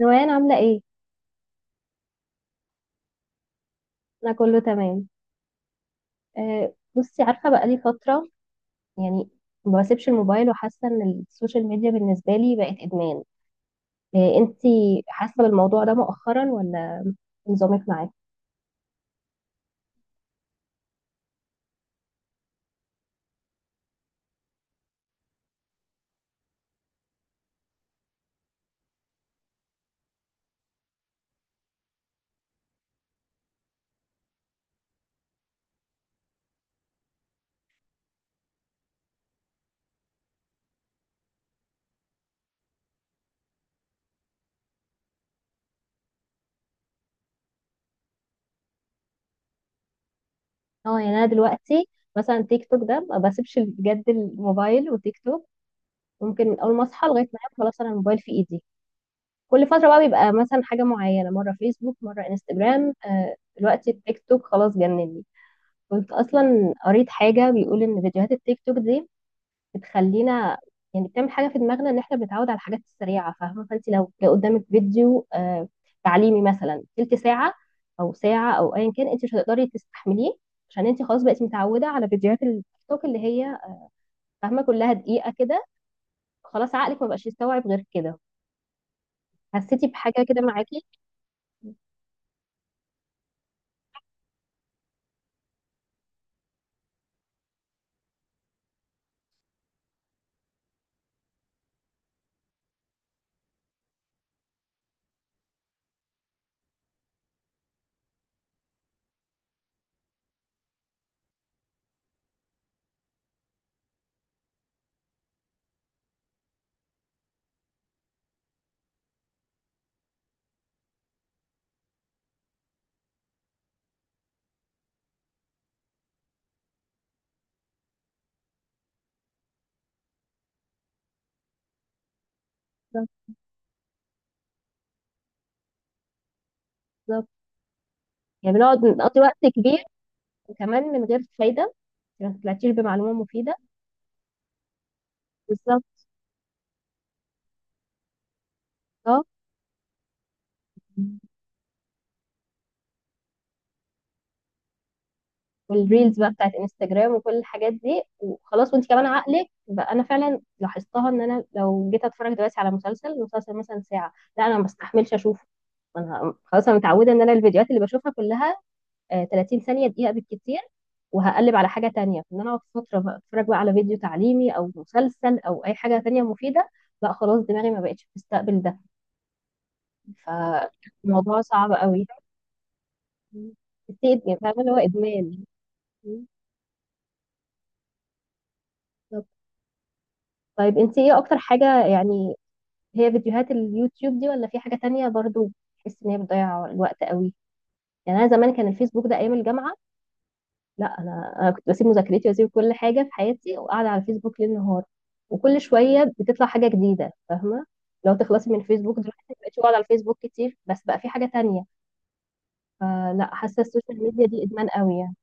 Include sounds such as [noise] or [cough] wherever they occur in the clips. روان عاملة ايه؟ أنا كله تمام. أه بصي، عارفة بقالي فترة يعني ما بسيبش الموبايل وحاسة إن السوشيال ميديا بالنسبة لي بقت إدمان. أه انتي حاسة بالموضوع ده مؤخرا ولا نظامك معاه؟ اه يعني أنا دلوقتي مثلا تيك توك ده ما بسيبش بجد الموبايل وتيك توك ممكن من أول ما أصحى لغاية ما أنام، خلاص أنا الموبايل في إيدي. كل فترة بقى بيبقى مثلا حاجة معينة، مرة فيسبوك مرة انستجرام، أه دلوقتي التيك توك خلاص جنني. كنت اصلا قريت حاجه بيقول ان فيديوهات التيك توك دي بتخلينا يعني بتعمل حاجه في دماغنا ان احنا بنتعود على الحاجات السريعه، فاهمه، فانت لو جه قدامك فيديو تعليمي مثلا تلت ساعه او ساعه او ايا كان انت مش هتقدري تستحمليه عشان انت خلاص بقيتي متعوده على فيديوهات التيك توك اللي هي فاهمه كلها دقيقه كده. خلاص عقلك ما بقاش يستوعب غير كده. حسيتي بحاجه كده معاكي؟ بالظبط، يعني بنقعد نقضي وقت كبير وكمان من غير فايده، ما طلعتيش بمعلومه مفيده. بالظبط. اه والريلز بقى بتاعت انستجرام وكل الحاجات دي، وخلاص وانت كمان عقلك بقى، انا فعلا لاحظتها ان انا لو جيت اتفرج دلوقتي على مسلسل، المسلسل مثلا ساعه لا انا ما بستحملش اشوفه. انا خلاص انا متعوده ان انا الفيديوهات اللي بشوفها كلها 30 ثانيه دقيقه بالكتير، وهقلب على حاجه تانية ان انا اقعد فتره بقى اتفرج بقى على فيديو تعليمي او مسلسل او اي حاجه تانية مفيده، لا خلاص دماغي ما بقتش بتستقبل ده. فالموضوع صعب قوي. بس إيه، فاهمه اللي هو ادمان. طيب انت ايه اكتر حاجة يعني، هي فيديوهات اليوتيوب دي ولا في حاجة تانية؟ برضو بحس ان هي بتضيع الوقت قوي. يعني انا زمان كان الفيسبوك ده ايام الجامعة، لا انا كنت بسيب مذاكرتي واسيب كل حاجة في حياتي وقاعدة على الفيسبوك ليل نهار، وكل شوية بتطلع حاجة جديدة، فاهمة؟ لو تخلصي من الفيسبوك دلوقتي ما بقتش بقعد على الفيسبوك كتير بس بقى في حاجة تانية. فلا، حاسة السوشيال ميديا دي ادمان قوي يعني.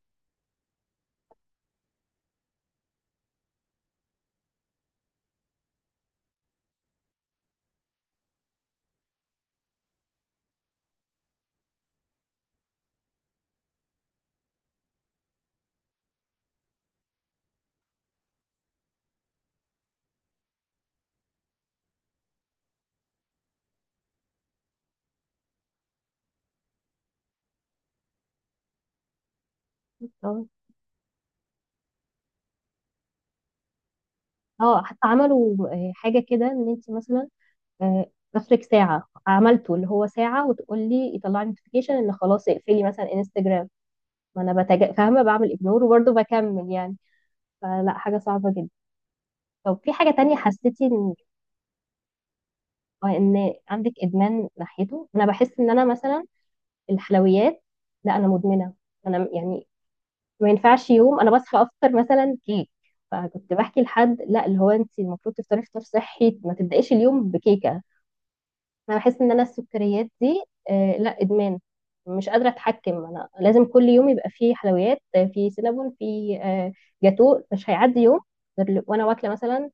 اه، اه، حتى عملوا اه، حاجة كده ان انت مثلا اخرك ساعة، عملته اللي هو ساعة وتقول لي يطلع لي نوتيفيكيشن ان خلاص اقفلي مثلا انستجرام. ما انا فاهمة بعمل اجنور وبرضه بكمل يعني. فلا، حاجة صعبة جدا. طب في حاجة تانية حسيتي ان عندك ادمان ناحيته؟ انا بحس ان انا مثلا الحلويات، لا انا مدمنة، انا يعني ما ينفعش يوم انا بصحى افطر مثلا كيك. فكنت بحكي لحد لا، اللي هو انت المفروض تفطري فطار صحي ما تبدايش اليوم بكيكه. انا بحس ان انا السكريات دي آه لا ادمان، مش قادره اتحكم، انا لازم كل يوم يبقى فيه حلويات، فيه سينابون فيه جاتو، مش هيعدي يوم غير وانا واكله مثلا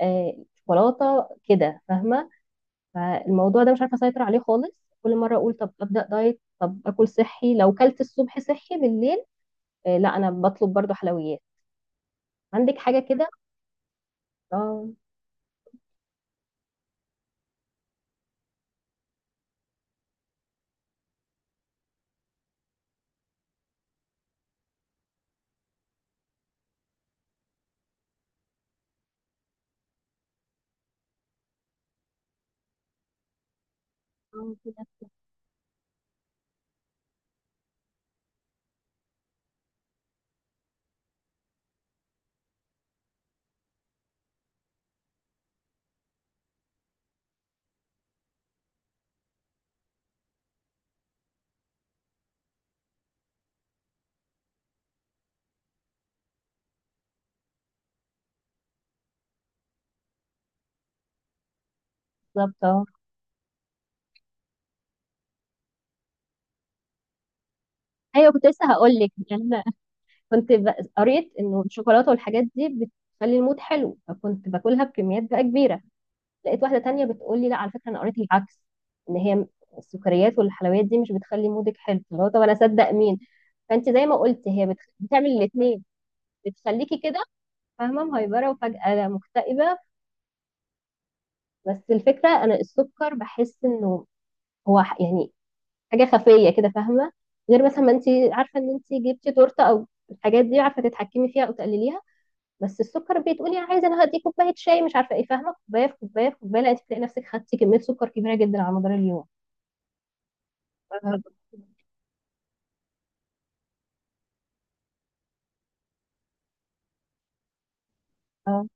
شوكولاته كده، فاهمه؟ فالموضوع ده مش عارفه اسيطر عليه خالص. كل مره اقول طب ابدا دايت، طب اكل صحي، لو كلت الصبح صحي بالليل آه لا انا بطلب برضو حلويات. عندك حاجه كده؟ اه. اه كده. بالظبط اه. ايوه كنت لسه هقول لك يعني، كنت قريت انه الشوكولاته والحاجات دي بتخلي المود حلو، فكنت باكلها بكميات بقى كبيره. لقيت واحده تانية بتقول لي لا على فكره، انا قريت العكس، ان هي السكريات والحلويات دي مش بتخلي مودك حلو، فاللي هو طب انا اصدق مين؟ فانت زي ما قلت هي بتعمل الاثنين، بتخليكي كده فاهمه مهيبره وفجاه لا مكتئبه. بس الفكره انا السكر بحس انه هو يعني حاجه خفيه كده، فاهمه؟ غير مثلا ما انت عارفه ان انت جبتي تورته او الحاجات دي، عارفه تتحكمي فيها او تقلليها، بس السكر بتقولي عايزه انا هدي كوبايه شاي مش عارفه ايه، فاهمه، كوبايه في كوبايه في كوبايه، لا انت تلاقي نفسك خدتي كميه سكر كبيره جدا على مدار اليوم. أنا- اه.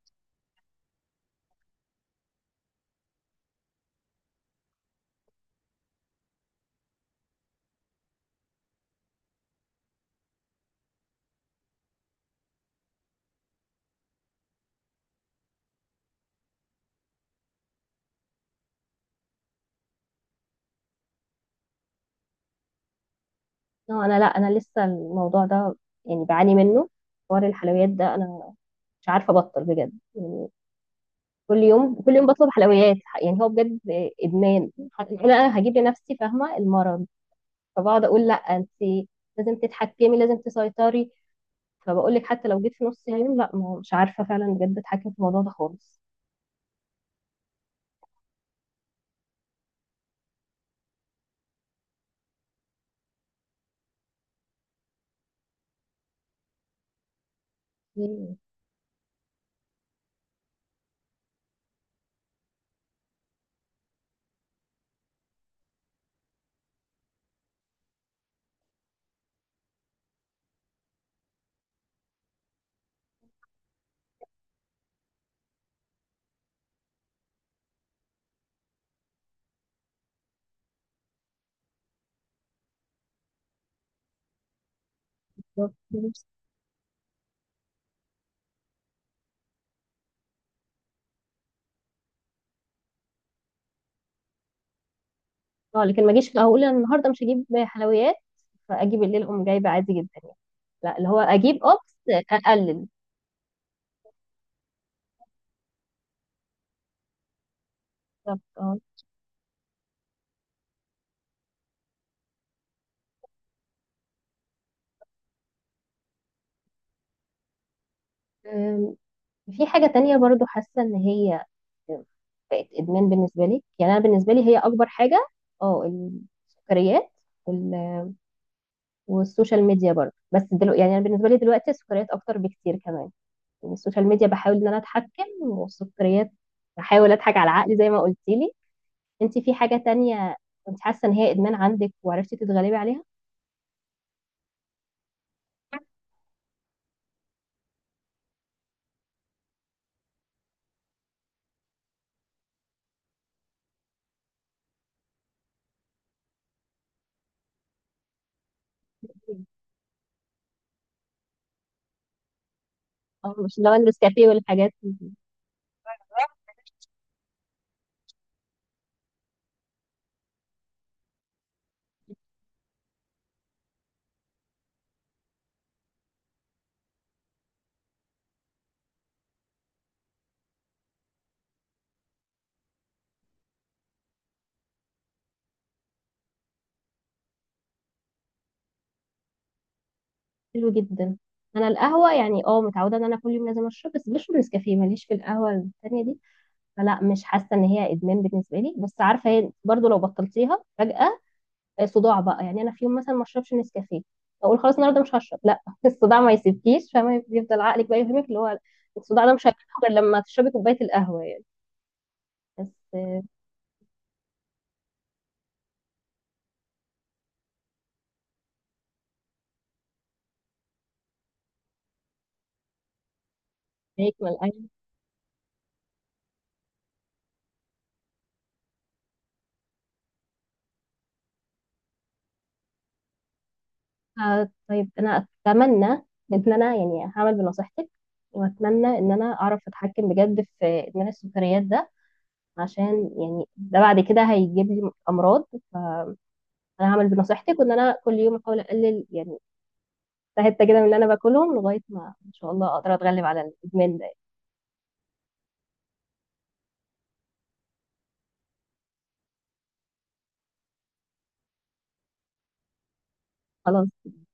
انا لا انا لسه الموضوع ده يعني بعاني منه. حوار الحلويات ده انا مش عارفه ابطل بجد يعني، كل يوم كل يوم بطلب حلويات. يعني هو بجد ادمان، انا هجيب لنفسي فاهمه المرض. فبقعد اقول لا انت لازم تتحكمي، لازم تسيطري، فبقول لك حتى لو جيت في نص اليوم لا، مش عارفه فعلا بجد اتحكم في الموضوع ده خالص. اه. لكن ما اجيش في الاول اقول انا النهارده مش هجيب حلويات فاجيب الليل اقوم جايبه عادي جدا، يعني لا اللي هو اجيب اه بس اقلل. بالظبط اه. أم، في حاجه تانية برضو حاسه ان هي بقت ادمان بالنسبه لي؟ يعني انا بالنسبه لي هي اكبر حاجه، اه، السكريات وال- والسوشيال ميديا برضو، بس دلوقتي يعني انا بالنسبه لي دلوقتي السكريات اكتر بكتير كمان. يعني السوشيال ميديا بحاول ان انا اتحكم، والسكريات بحاول اضحك على عقلي زي ما قلتيلي. انت في حاجة تانية كنت حاسة ان هي ادمان عندك وعرفتي تتغلبي عليها؟ اه مش اللي هو النسكافيه والحاجات دي. حلو جدا. انا القهوة يعني اه متعودة ان انا كل يوم لازم اشرب، بس بشرب نسكافيه، ماليش في القهوة التانية دي. فلا مش حاسة ان هي ادمان بالنسبة لي، بس عارفة هي برضو لو بطلتيها فجأة صداع بقى. يعني انا في يوم مثلا ما اشربش نسكافيه، اقول خلاص النهارده مش هشرب، لا [laughs] الصداع ما يسيبكيش، فما يفضل عقلك بقى يفهمك اللي هو الصداع ده مش هيروح غير لما تشربي كوباية القهوة يعني. بس آه، هيكمل. آه طيب انا اتمنى ان انا يعني هعمل بنصيحتك، واتمنى ان انا اعرف اتحكم بجد في ادمان السكريات ده، عشان يعني ده بعد كده هيجيب لي امراض. فانا هعمل بنصيحتك وان انا كل يوم احاول اقلل يعني حته كده من اللي انا باكلهم لغايه ما ان شاء الله اقدر اتغلب على الادمان ده. خلاص.